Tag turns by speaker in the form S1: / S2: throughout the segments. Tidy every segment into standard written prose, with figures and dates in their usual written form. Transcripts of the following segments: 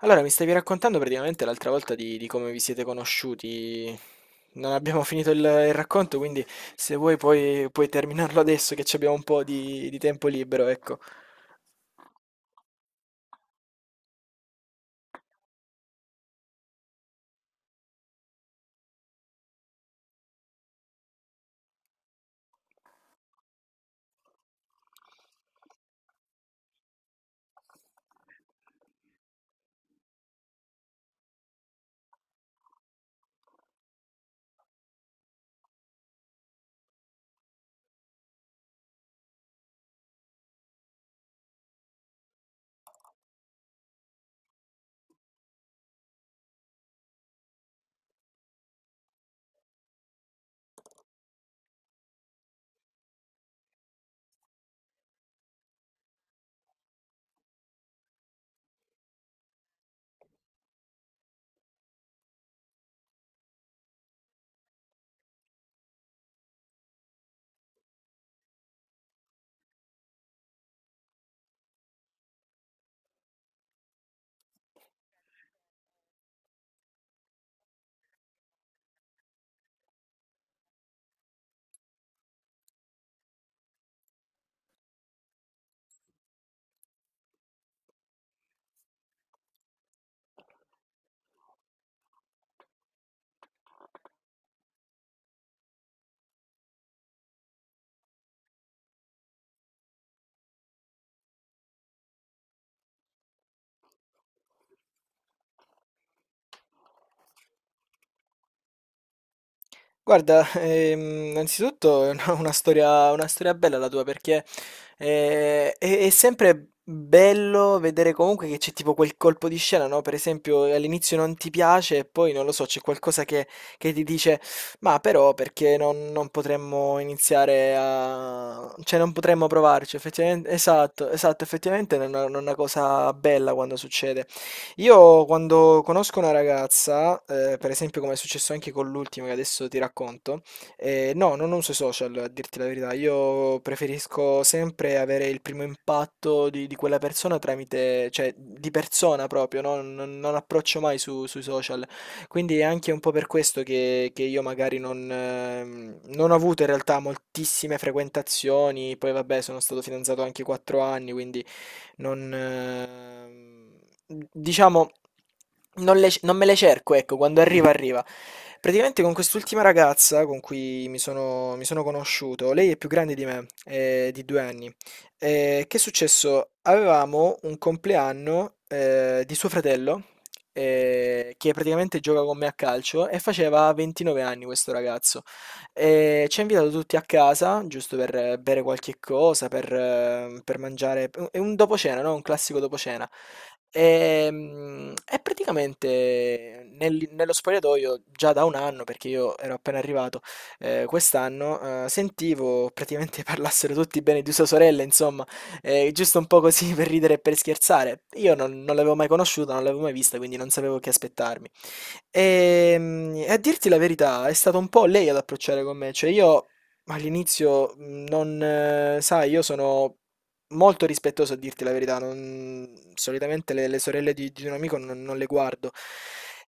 S1: Allora, mi stavi raccontando praticamente l'altra volta di come vi siete conosciuti. Non abbiamo finito il racconto, quindi se vuoi puoi terminarlo adesso che ci abbiamo un po' di tempo libero, ecco. Guarda, innanzitutto è una storia, una storia bella la tua, perché è sempre bello vedere comunque che c'è tipo quel colpo di scena, no? Per esempio all'inizio non ti piace e poi non lo so, c'è qualcosa che ti dice, ma però perché non potremmo iniziare a, cioè non potremmo provarci, effettivamente, esatto, esatto, effettivamente è una cosa bella quando succede. Io quando conosco una ragazza, per esempio come è successo anche con l'ultima che adesso ti racconto, no, non uso i social, a dirti la verità, io preferisco sempre avere il primo impatto di quella persona tramite, cioè di persona proprio, no? Non approccio mai sui social, quindi è anche un po' per questo che io magari non ho avuto in realtà moltissime frequentazioni, poi vabbè sono stato fidanzato anche 4 anni, quindi non, diciamo, non me le cerco, ecco, quando arriva arriva. Praticamente con quest'ultima ragazza con cui mi sono conosciuto, lei è più grande di me, di due anni. Che è successo? Avevamo un compleanno, di suo fratello, che praticamente gioca con me a calcio e faceva 29 anni questo ragazzo. E ci ha invitato tutti a casa, giusto per bere qualche cosa, per mangiare. È un dopo cena, no? Un classico dopo cena. E praticamente nello spogliatoio già da un anno, perché io ero appena arrivato quest'anno, sentivo praticamente parlassero tutti bene di sua sorella, insomma, giusto un po' così per ridere e per scherzare. Io non l'avevo mai conosciuta, non l'avevo mai vista, quindi non sapevo che aspettarmi. E a dirti la verità, è stata un po' lei ad approcciare con me, cioè io all'inizio non, sai, io sono molto rispettoso a dirti la verità, solitamente le sorelle di un amico non le guardo,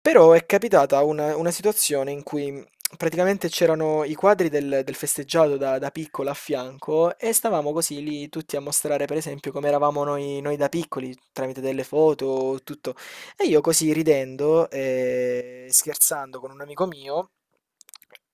S1: però è capitata una situazione in cui praticamente c'erano i quadri del festeggiato da piccola a fianco e stavamo così lì tutti a mostrare, per esempio, come eravamo noi da piccoli, tramite delle foto, tutto. E io così, ridendo e scherzando con un amico mio,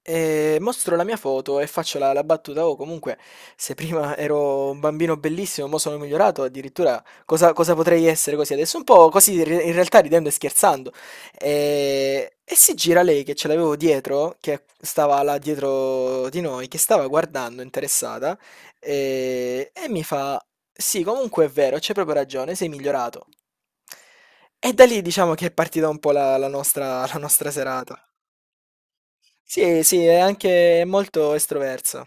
S1: mostro la mia foto e faccio la battuta: "Oh, comunque, se prima ero un bambino bellissimo, mo sono migliorato, addirittura cosa potrei essere così adesso?" Un po' così, in realtà ridendo e scherzando. E, si gira lei, che ce l'avevo dietro, che stava là dietro di noi, che stava guardando interessata, e mi fa: "Sì, comunque è vero, c'è proprio ragione, sei migliorato." E da lì diciamo che è partita un po' la nostra serata. Sì, sì, è anche molto estroverso.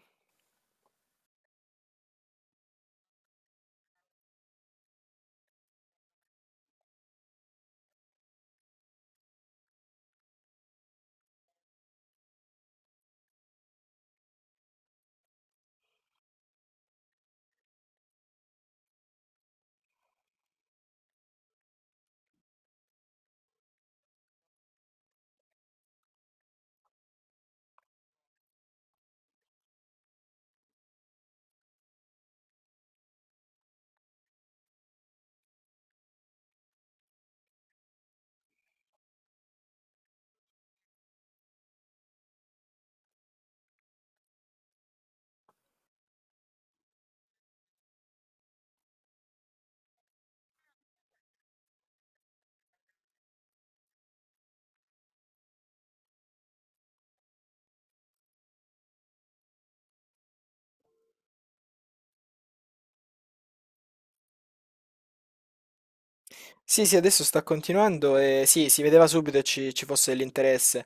S1: Sì, sì, adesso sta continuando e sì, si vedeva subito che ci fosse dell'interesse.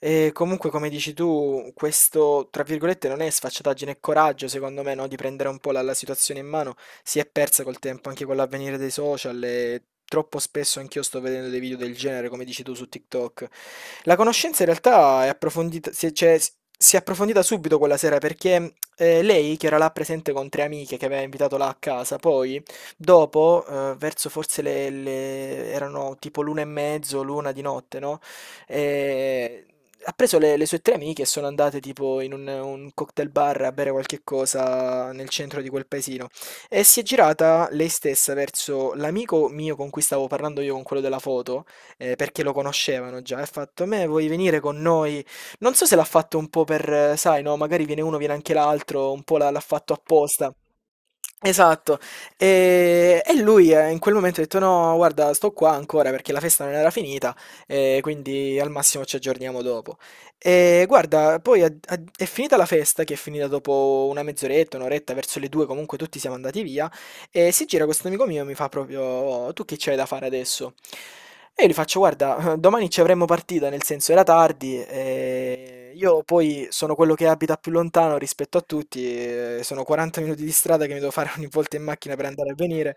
S1: E comunque, come dici tu, questo, tra virgolette, non è sfacciataggine, è coraggio, secondo me, no? Di prendere un po' la situazione in mano. Si è persa col tempo, anche con l'avvenire dei social, e troppo spesso anch'io sto vedendo dei video del genere, come dici tu, su TikTok. La conoscenza in realtà è approfondita, si, cioè, si è approfondita subito quella sera, perché lei, che era là presente con tre amiche che aveva invitato là a casa, poi. Dopo, verso forse le erano tipo l'1 e mezzo, l'1 di notte, no, ehm, ha preso le sue 3 amiche e sono andate tipo in un cocktail bar a bere qualche cosa nel centro di quel paesino, e si è girata lei stessa verso l'amico mio con cui stavo parlando io, con quello della foto, perché lo conoscevano già, e ha fatto: "Me vuoi venire con noi?" Non so se l'ha fatto un po' per, sai, no, magari viene uno, viene anche l'altro, un po' l'ha fatto apposta. Esatto. E lui, in quel momento, ha detto: "No, guarda, sto qua ancora perché la festa non era finita, quindi al massimo ci aggiorniamo dopo." E guarda, poi è finita la festa, che è finita dopo una mezz'oretta, un'oretta, verso le due, comunque tutti siamo andati via. E si gira questo amico mio e mi fa proprio: "Oh, tu che c'hai da fare adesso?" E io gli faccio: "Guarda, domani ci avremmo partita, nel senso era tardi, io poi sono quello che abita più lontano rispetto a tutti, sono 40 minuti di strada che mi devo fare ogni volta in macchina per andare e venire,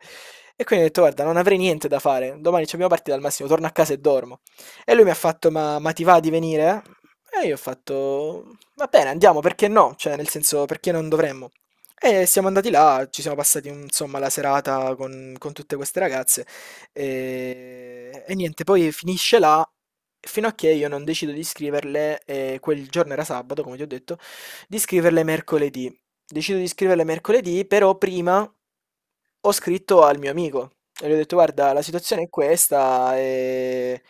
S1: e quindi ho detto: Guarda, non avrei niente da fare, domani c'abbiamo partita, al massimo torno a casa e dormo." E lui mi ha fatto: "Ma ti va di venire?" E io ho fatto: "Va bene, andiamo, perché no? Cioè, nel senso, perché non dovremmo?" E siamo andati là, ci siamo passati insomma la serata con tutte queste ragazze e niente, poi finisce là fino a che io non decido di scriverle, quel giorno era sabato, come ti ho detto, di scriverle mercoledì. Decido di scriverle mercoledì, però prima ho scritto al mio amico e gli ho detto: guarda, la situazione è questa e.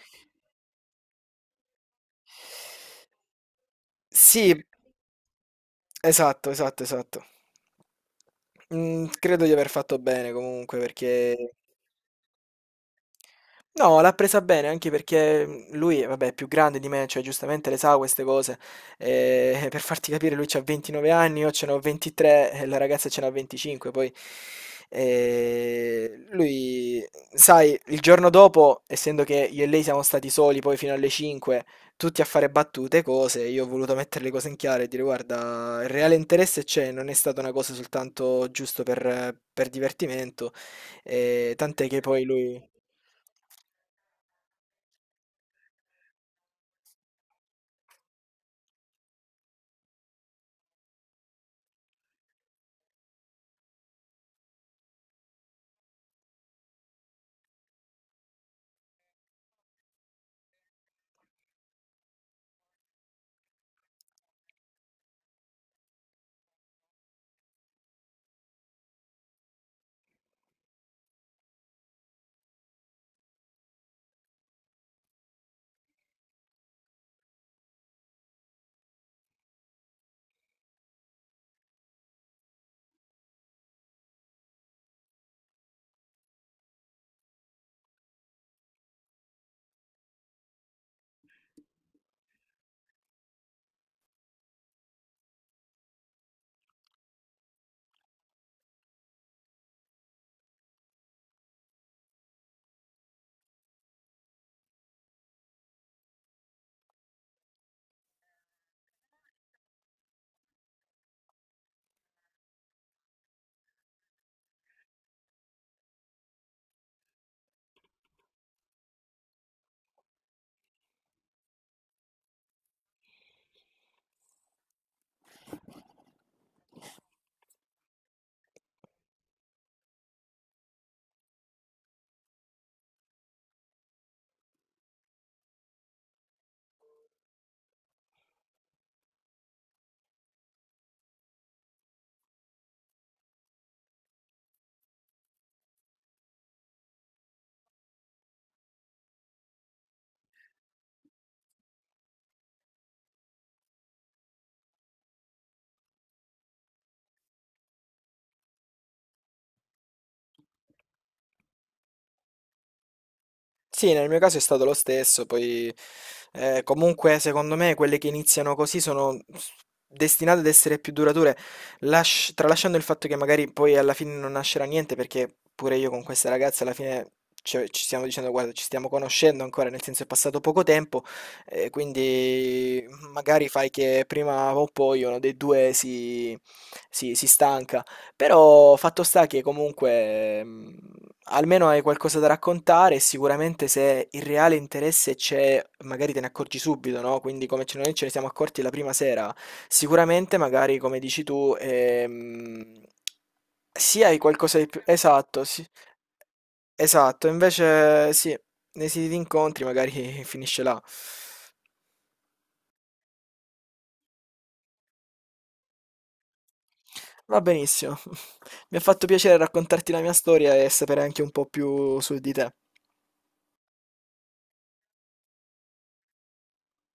S1: Sì, esatto, esatto, esatto. Credo di aver fatto bene comunque perché. No, l'ha presa bene, anche perché lui, vabbè, è più grande di me, cioè giustamente le sa, queste cose. Per farti capire, lui c'ha 29 anni, io ce n'ho 23 e la ragazza ce n'ha 25 poi. Lui sai, il giorno dopo, essendo che io e lei siamo stati soli poi fino alle 5, tutti a fare battute, cose, io ho voluto mettere le cose in chiaro e dire: "Guarda, il reale interesse c'è, non è stata una cosa soltanto giusto per divertimento." Tant'è che poi lui. Sì, nel mio caso è stato lo stesso, poi, comunque secondo me quelle che iniziano così sono destinate ad essere più durature, tralasciando il fatto che magari poi alla fine non nascerà niente, perché pure io con queste ragazze alla fine ci stiamo dicendo: guarda, ci stiamo conoscendo ancora, nel senso è passato poco tempo, quindi magari fai che prima o poi uno dei due si stanca. Però fatto sta che comunque, almeno hai qualcosa da raccontare, e sicuramente se il reale interesse c'è, magari te ne accorgi subito, no? Quindi, come noi ce ne siamo accorti la prima sera, sicuramente magari, come dici tu, sì, hai qualcosa di più. Esatto, sì. Esatto, invece sì, nei siti di incontri magari finisce là. Va benissimo. Mi ha fatto piacere raccontarti la mia storia e sapere anche un po' più su di te.